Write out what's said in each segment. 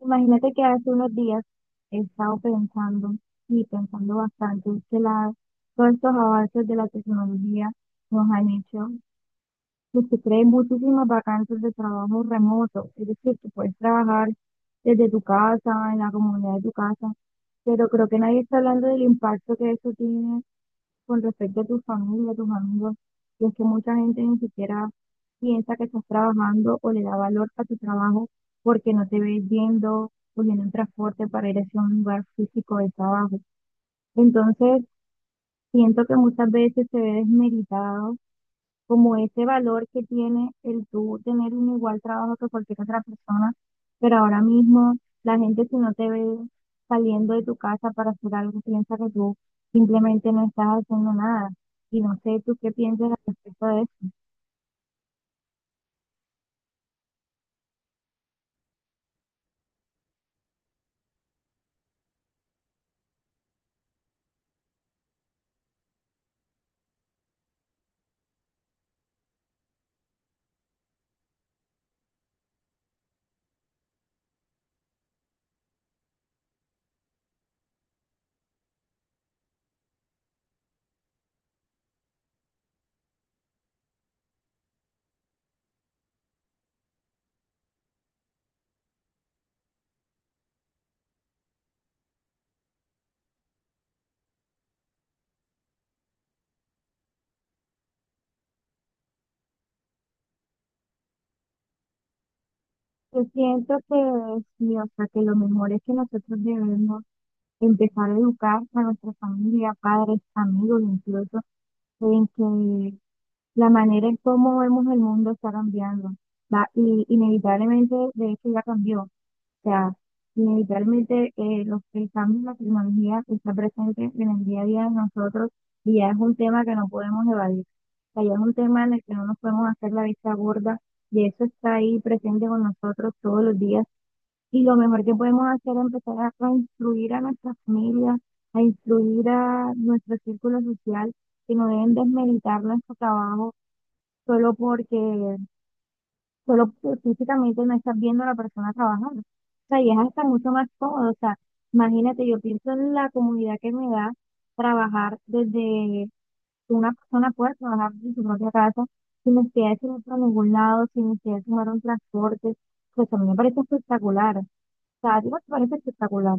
Imagínate que hace unos días he estado pensando y pensando bastante, todos estos avances de la tecnología nos han hecho, pues, que se creen muchísimas vacantes de trabajo remoto. Es decir, que puedes trabajar desde tu casa, en la comunidad de tu casa, pero creo que nadie está hablando del impacto que eso tiene con respecto a tu familia, a tus amigos. Y es que mucha gente ni siquiera piensa que estás trabajando o le da valor a tu trabajo porque no te ves yendo, cogiendo un transporte para ir hacia un lugar físico de trabajo. Entonces, siento que muchas veces se ve desmeritado como ese valor que tiene el tú tener un igual trabajo que cualquier otra persona, pero ahora mismo la gente, si no te ve saliendo de tu casa para hacer algo, piensa que tú simplemente no estás haciendo nada. Y no sé tú qué piensas al respecto de... Yo siento que sí, o sea, que lo mejor es que nosotros debemos empezar a educar a nuestra familia, padres, amigos, incluso, en que la manera en cómo vemos el mundo está cambiando. Va, y inevitablemente, de hecho, ya cambió. O sea, inevitablemente el cambio en la tecnología está presente en el día a día de nosotros y ya es un tema que no podemos evadir. O sea, ya es un tema en el que no nos podemos hacer la vista gorda y eso está ahí presente con nosotros todos los días, y lo mejor que podemos hacer es empezar a influir a nuestra familia, a influir a nuestro círculo social, que no deben desmeritar nuestro trabajo solo porque, solo porque físicamente no estás viendo a la persona trabajando. O sea, y es hasta mucho más cómodo. O sea, imagínate, yo pienso en la comunidad que me da trabajar desde... una persona puede trabajar desde su propia casa, sin necesidad de irse a ningún lado, sin necesidad de tomar un transporte. Pues a mí me parece espectacular. O sea, a ti no te parece espectacular.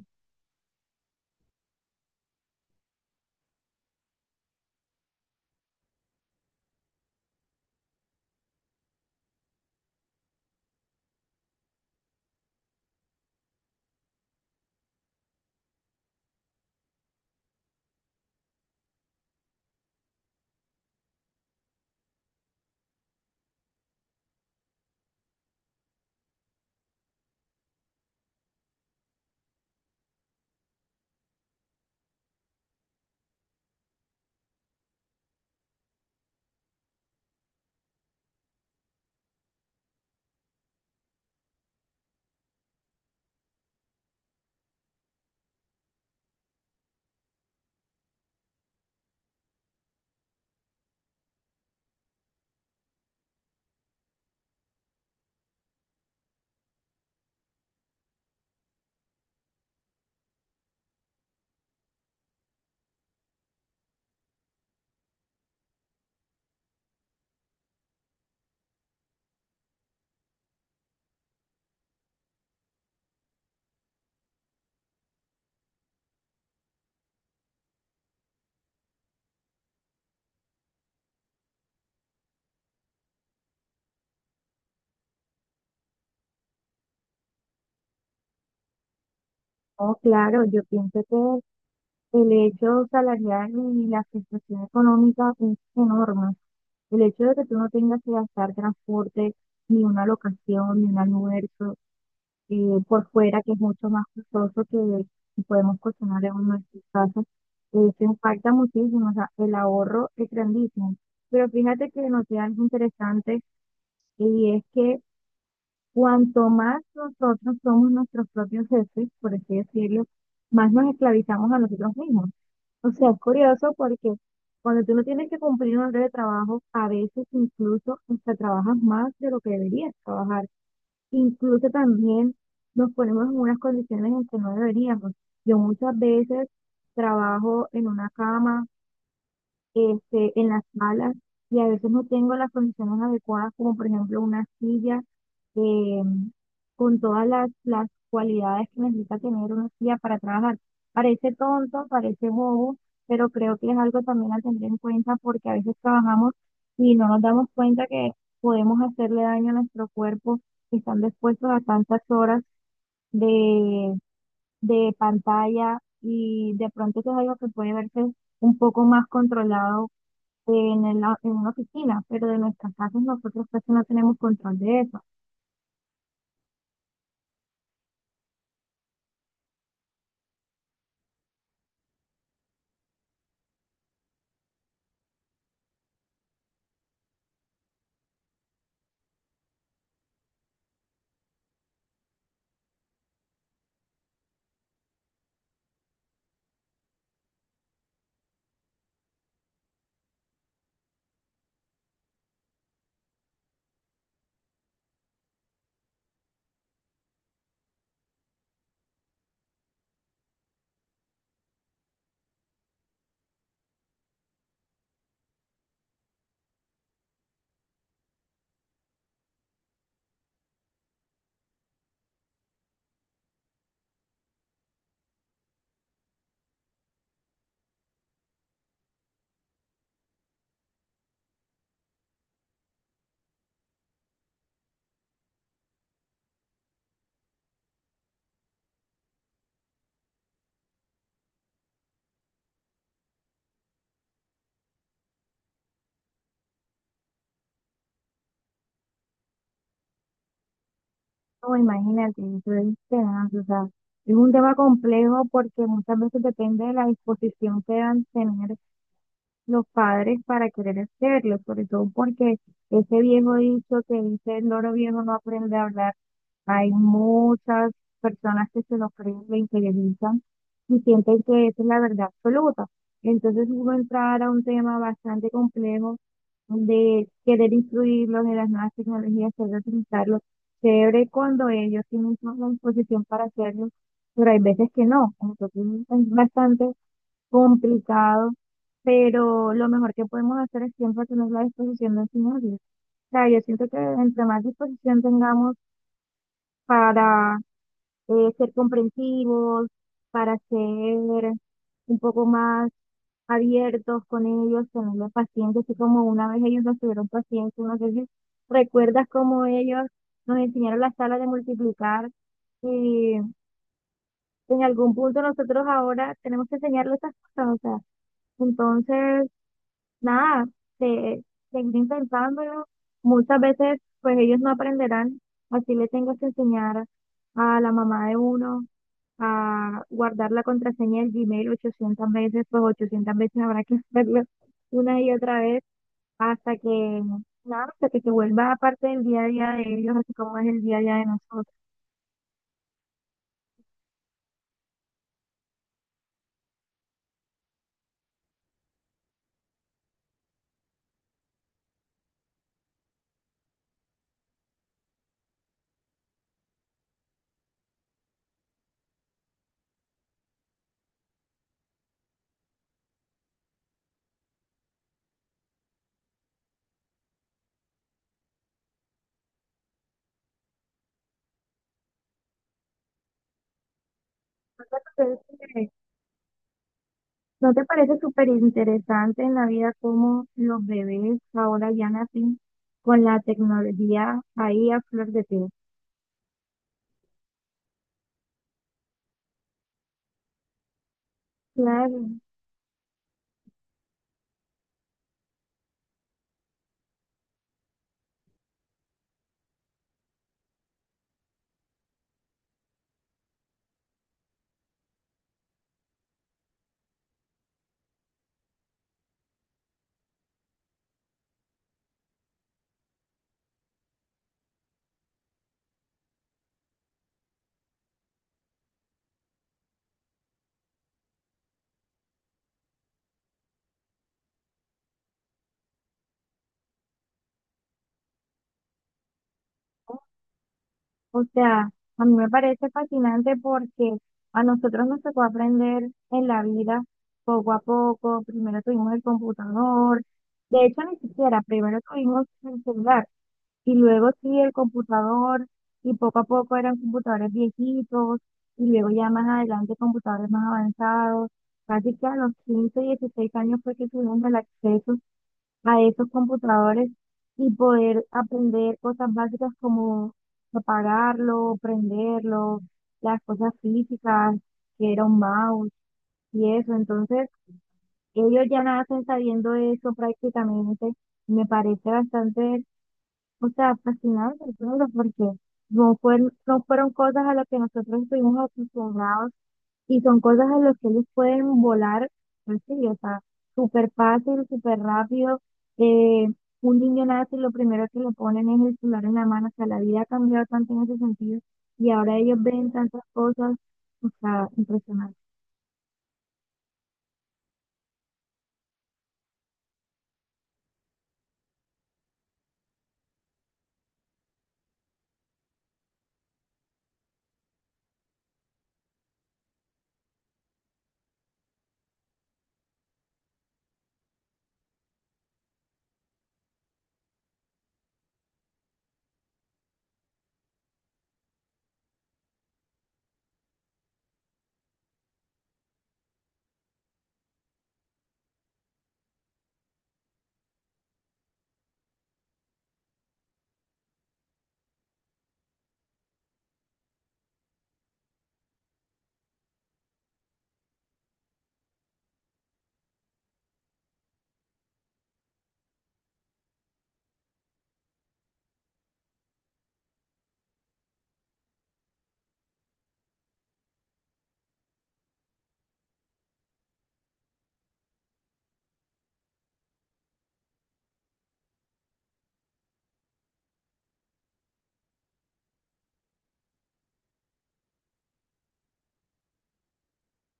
No, claro, yo pienso que el hecho salarial y la situación económica es enorme. El hecho de que tú no tengas que gastar transporte, ni una locación, ni un almuerzo por fuera, que es mucho más costoso, que podemos cocinar en nuestras casas, se impacta muchísimo. O sea, el ahorro es grandísimo. Pero fíjate que noté algo interesante, y es que cuanto más nosotros somos nuestros propios jefes, por así decirlo, más nos esclavizamos a nosotros mismos. O sea, es curioso porque cuando tú no tienes que cumplir un horario de trabajo, a veces incluso hasta trabajas más de lo que deberías trabajar. Incluso también nos ponemos en unas condiciones en que no deberíamos. Yo muchas veces trabajo en una cama, en las salas, y a veces no tengo las condiciones adecuadas, como por ejemplo una silla, em, con todas las cualidades que necesita tener una guía para trabajar. Parece tonto, parece bobo, pero creo que es algo también a tener en cuenta, porque a veces trabajamos y no nos damos cuenta que podemos hacerle daño a nuestro cuerpo, que están expuestos a tantas horas de, de pantalla, y de pronto eso es algo que puede verse un poco más controlado en una oficina, pero de nuestras casas nosotros casi no tenemos control de eso. No, imagínate, eso es tenaz, o sea, es un tema complejo porque muchas veces depende de la disposición que dan tener los padres para querer hacerlo, sobre todo porque ese viejo dicho que dice el loro viejo no aprende a hablar, hay muchas personas que se lo creen, lo interiorizan y sienten que esa es la verdad absoluta. Entonces uno entrar a un tema bastante complejo de querer incluirlos en las nuevas tecnologías, querer utilizarlos. Chévere cuando ellos tienen toda la disposición para hacerlo, pero hay veces que no. Entonces es bastante complicado, pero lo mejor que podemos hacer es siempre tener la disposición de enseñarles. O sea, yo siento que entre más disposición tengamos para ser comprensivos, para ser un poco más abiertos con ellos, tenerles paciencia, así como una vez ellos nos tuvieron paciencia. No sé si recuerdas cómo ellos nos enseñaron la sala de multiplicar, y en algún punto nosotros ahora tenemos que enseñarles esas cosas. O sea, entonces, nada, se, seguir intentándolo. Muchas veces pues ellos no aprenderán, así le tengo que enseñar a la mamá de uno a guardar la contraseña del Gmail 800 veces, pues 800 veces habrá que hacerlo, una y otra vez, hasta que, nada, hasta que se vuelva parte del día a día de ellos, así como es el día a día de nosotros. Entonces, eh, ¿no te parece súper interesante en la vida cómo los bebés ahora ya nacen con la tecnología ahí a flor de piel? Claro, ¿no? O sea, a mí me parece fascinante porque a nosotros nos tocó aprender en la vida poco a poco. Primero tuvimos el computador, de hecho, ni siquiera, primero tuvimos el celular, y luego sí, el computador, y poco a poco eran computadores viejitos, y luego ya más adelante computadores más avanzados. Casi que a los 15, 16 años fue que tuvimos el acceso a esos computadores, y poder aprender cosas básicas como apagarlo, prenderlo, las cosas físicas, que era un mouse y eso. Entonces, ellos ya nacen sabiendo eso prácticamente. Me parece bastante, o sea, fascinante, claro, porque no fueron cosas a las que nosotros estuvimos acostumbrados, y son cosas a las que ellos pueden volar, pues sí, o sea, súper fácil, súper rápido. Eh, un niño nace y lo primero que le ponen es el celular en la mano. O sea, la vida ha cambiado tanto en ese sentido, y ahora ellos ven tantas cosas, o sea, impresionante.